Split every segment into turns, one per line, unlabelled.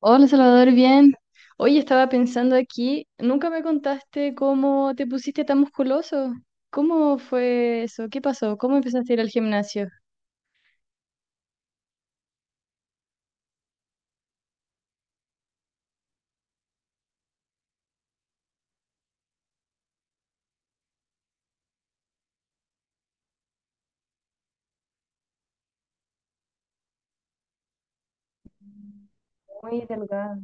Hola Salvador, bien. Oye, estaba pensando aquí, nunca me contaste cómo te pusiste tan musculoso. ¿Cómo fue eso? ¿Qué pasó? ¿Cómo empezaste a ir al gimnasio? Muy delgada.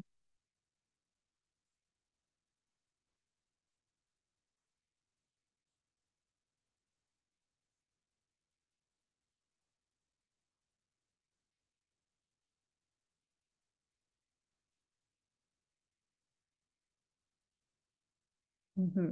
Ujú,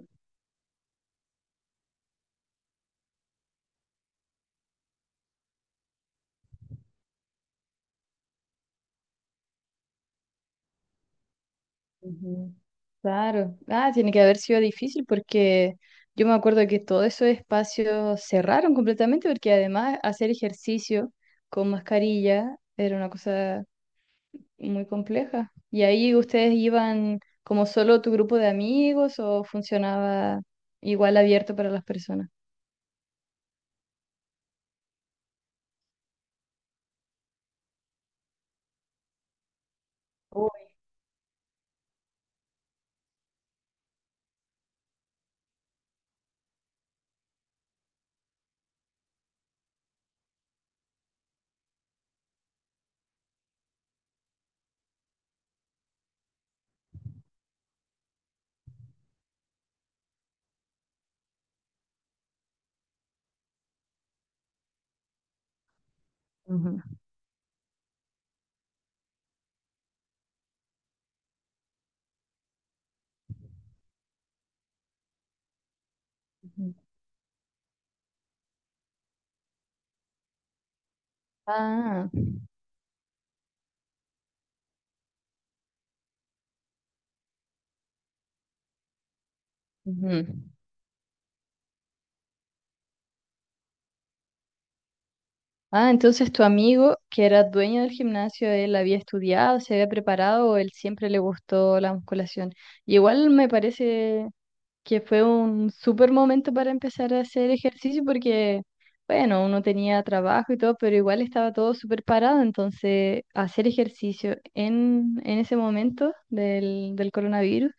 ujú. Claro. Ah, tiene que haber sido difícil porque yo me acuerdo que todos esos espacios cerraron completamente porque además hacer ejercicio con mascarilla era una cosa muy compleja. ¿Y ahí ustedes iban como solo tu grupo de amigos o funcionaba igual abierto para las personas? Uy, ujú. Ujú. Ah, ujú. Ah, entonces tu amigo que era dueño del gimnasio, él había estudiado, se había preparado o él siempre le gustó la musculación. Y igual me parece que fue un súper momento para empezar a hacer ejercicio porque, bueno, uno tenía trabajo y todo, pero igual estaba todo súper parado, entonces hacer ejercicio en ese momento del coronavirus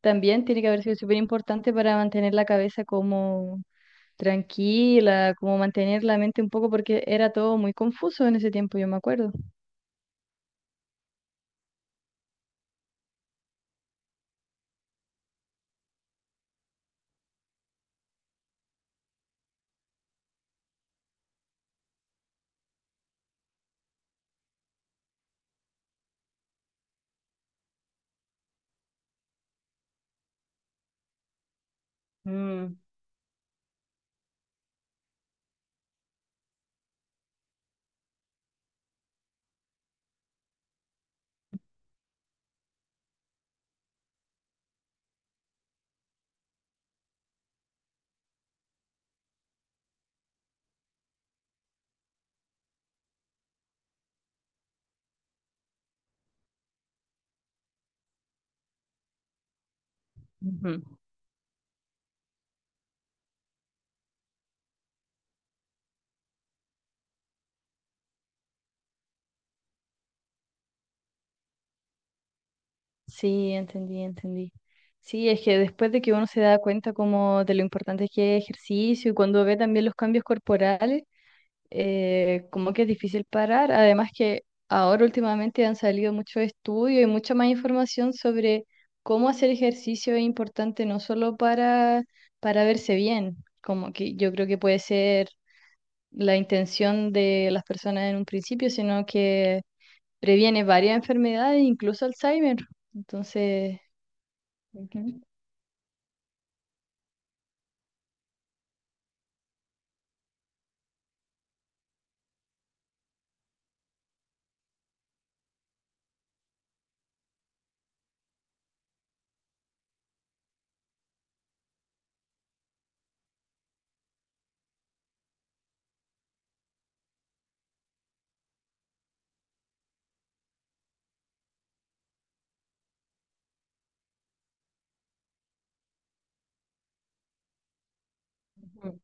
también tiene que haber sido súper importante para mantener la cabeza como tranquila, como mantener la mente un poco porque era todo muy confuso en ese tiempo, yo me acuerdo. Mm, ujú. Sí, entendí, entendí. Sí, es que después de que uno se da cuenta como de lo importante que es ejercicio y cuando ve también los cambios corporales, como que es difícil parar. Además que ahora últimamente han salido muchos estudios y mucha más información sobre cómo hacer ejercicio es importante no solo para verse bien, como que yo creo que puede ser la intención de las personas en un principio, sino que previene varias enfermedades, incluso Alzheimer. Entonces... Ujú. Ujú.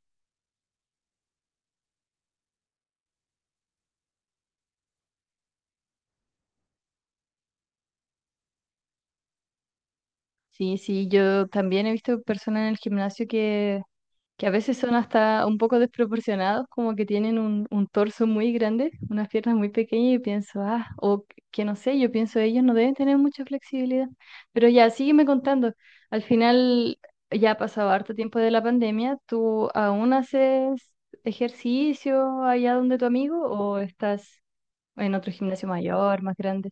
Sí, sí, yo también he visto personas en el gimnasio que a veces son hasta un poco desproporcionados, como que tienen un torso muy grande, unas piernas muy pequeñas y pienso, ah, o que no sé, yo pienso ellos no deben tener mucha flexibilidad. Pero ya, sígueme contando. Al final ya ha pasado harto tiempo de la pandemia, ¿tú aún haces ejercicio allá donde tu amigo o estás en otro gimnasio mayor, más grande?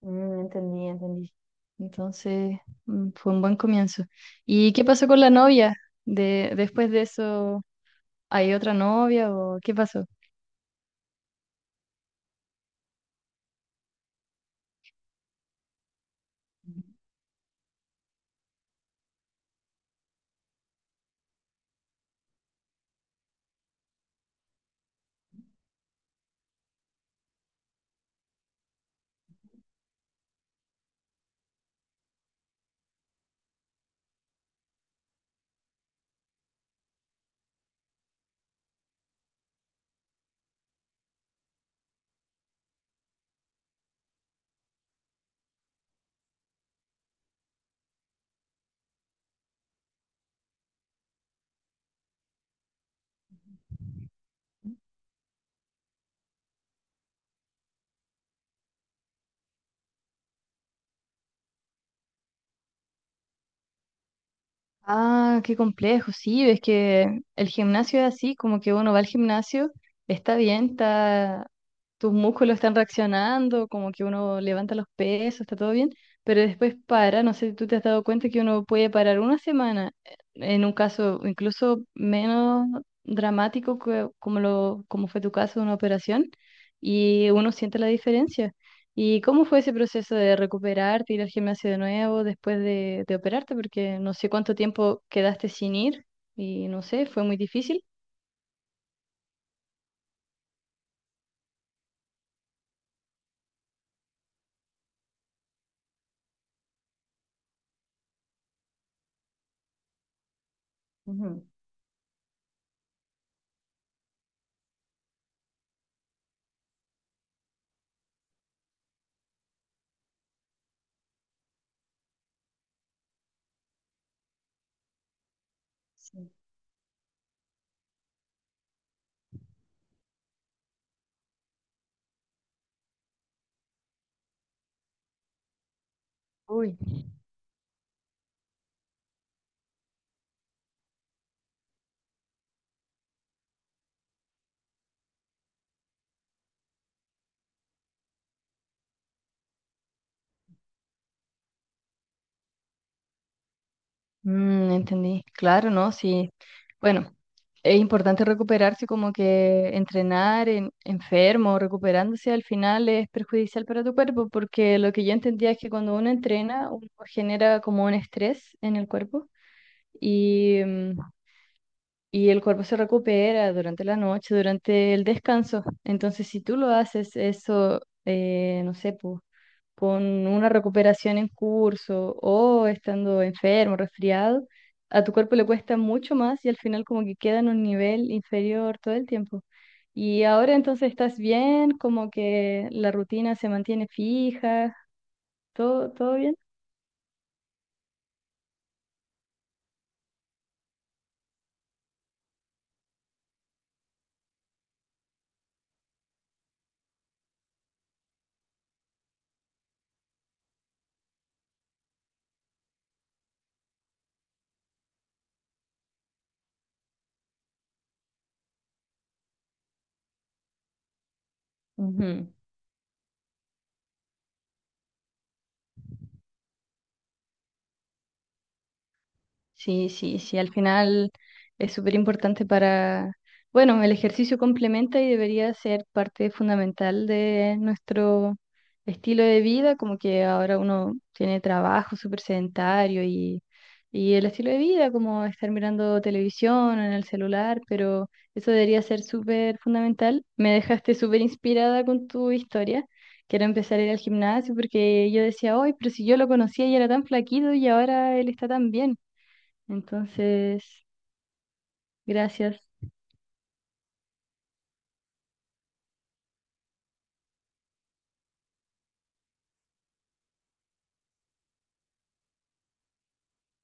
Mm, entendí, entendí. Entonces, mm, fue un buen comienzo. ¿Y qué pasó con la novia? De, después de eso, ¿hay otra novia o qué pasó? Ah, qué complejo, sí, es que el gimnasio es así, como que uno va al gimnasio, está bien, está, tus músculos están reaccionando, como que uno levanta los pesos, está todo bien, pero después para, no sé si tú te has dado cuenta que uno puede parar una semana, en un caso incluso menos dramático que- como lo, como fue tu caso de una operación, y uno siente la diferencia. ¿Y cómo fue ese proceso de recuperarte, ir al gimnasio de nuevo después de operarte? Porque no sé cuánto tiempo quedaste sin ir y no sé, fue muy difícil. Sí. Uy, mm, entendí. Claro, ¿no? Sí. Bueno, es importante recuperarse, como que entrenar en, enfermo, recuperándose al final es perjudicial para tu cuerpo, porque lo que yo entendía es que cuando uno entrena, uno genera como un estrés en el cuerpo y y el cuerpo se recupera durante la noche, durante el descanso. Entonces, si tú lo haces eso, no sé, po, con una recuperación en curso o estando enfermo, resfriado, a tu cuerpo le cuesta mucho más y al final como que queda en un nivel inferior todo el tiempo. Y ahora entonces estás bien, como que la rutina se mantiene fija, todo, todo bien. Ujú. Sí, sí, sí, al final es súper importante para, bueno, el ejercicio complementa y debería ser parte fundamental de nuestro estilo de vida, como que ahora uno tiene trabajo súper sedentario y el estilo de vida, como estar mirando televisión en el celular, pero eso debería ser súper fundamental. Me dejaste súper inspirada con tu historia. Quiero empezar a ir al gimnasio porque yo decía, hoy, pero si yo lo conocía y era tan flaquito y ahora él está tan bien. Entonces, gracias.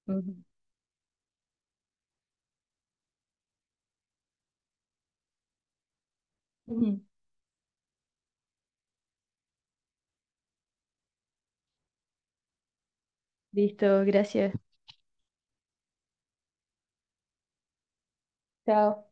Ujú. Ujú. Listo, gracias. Chao.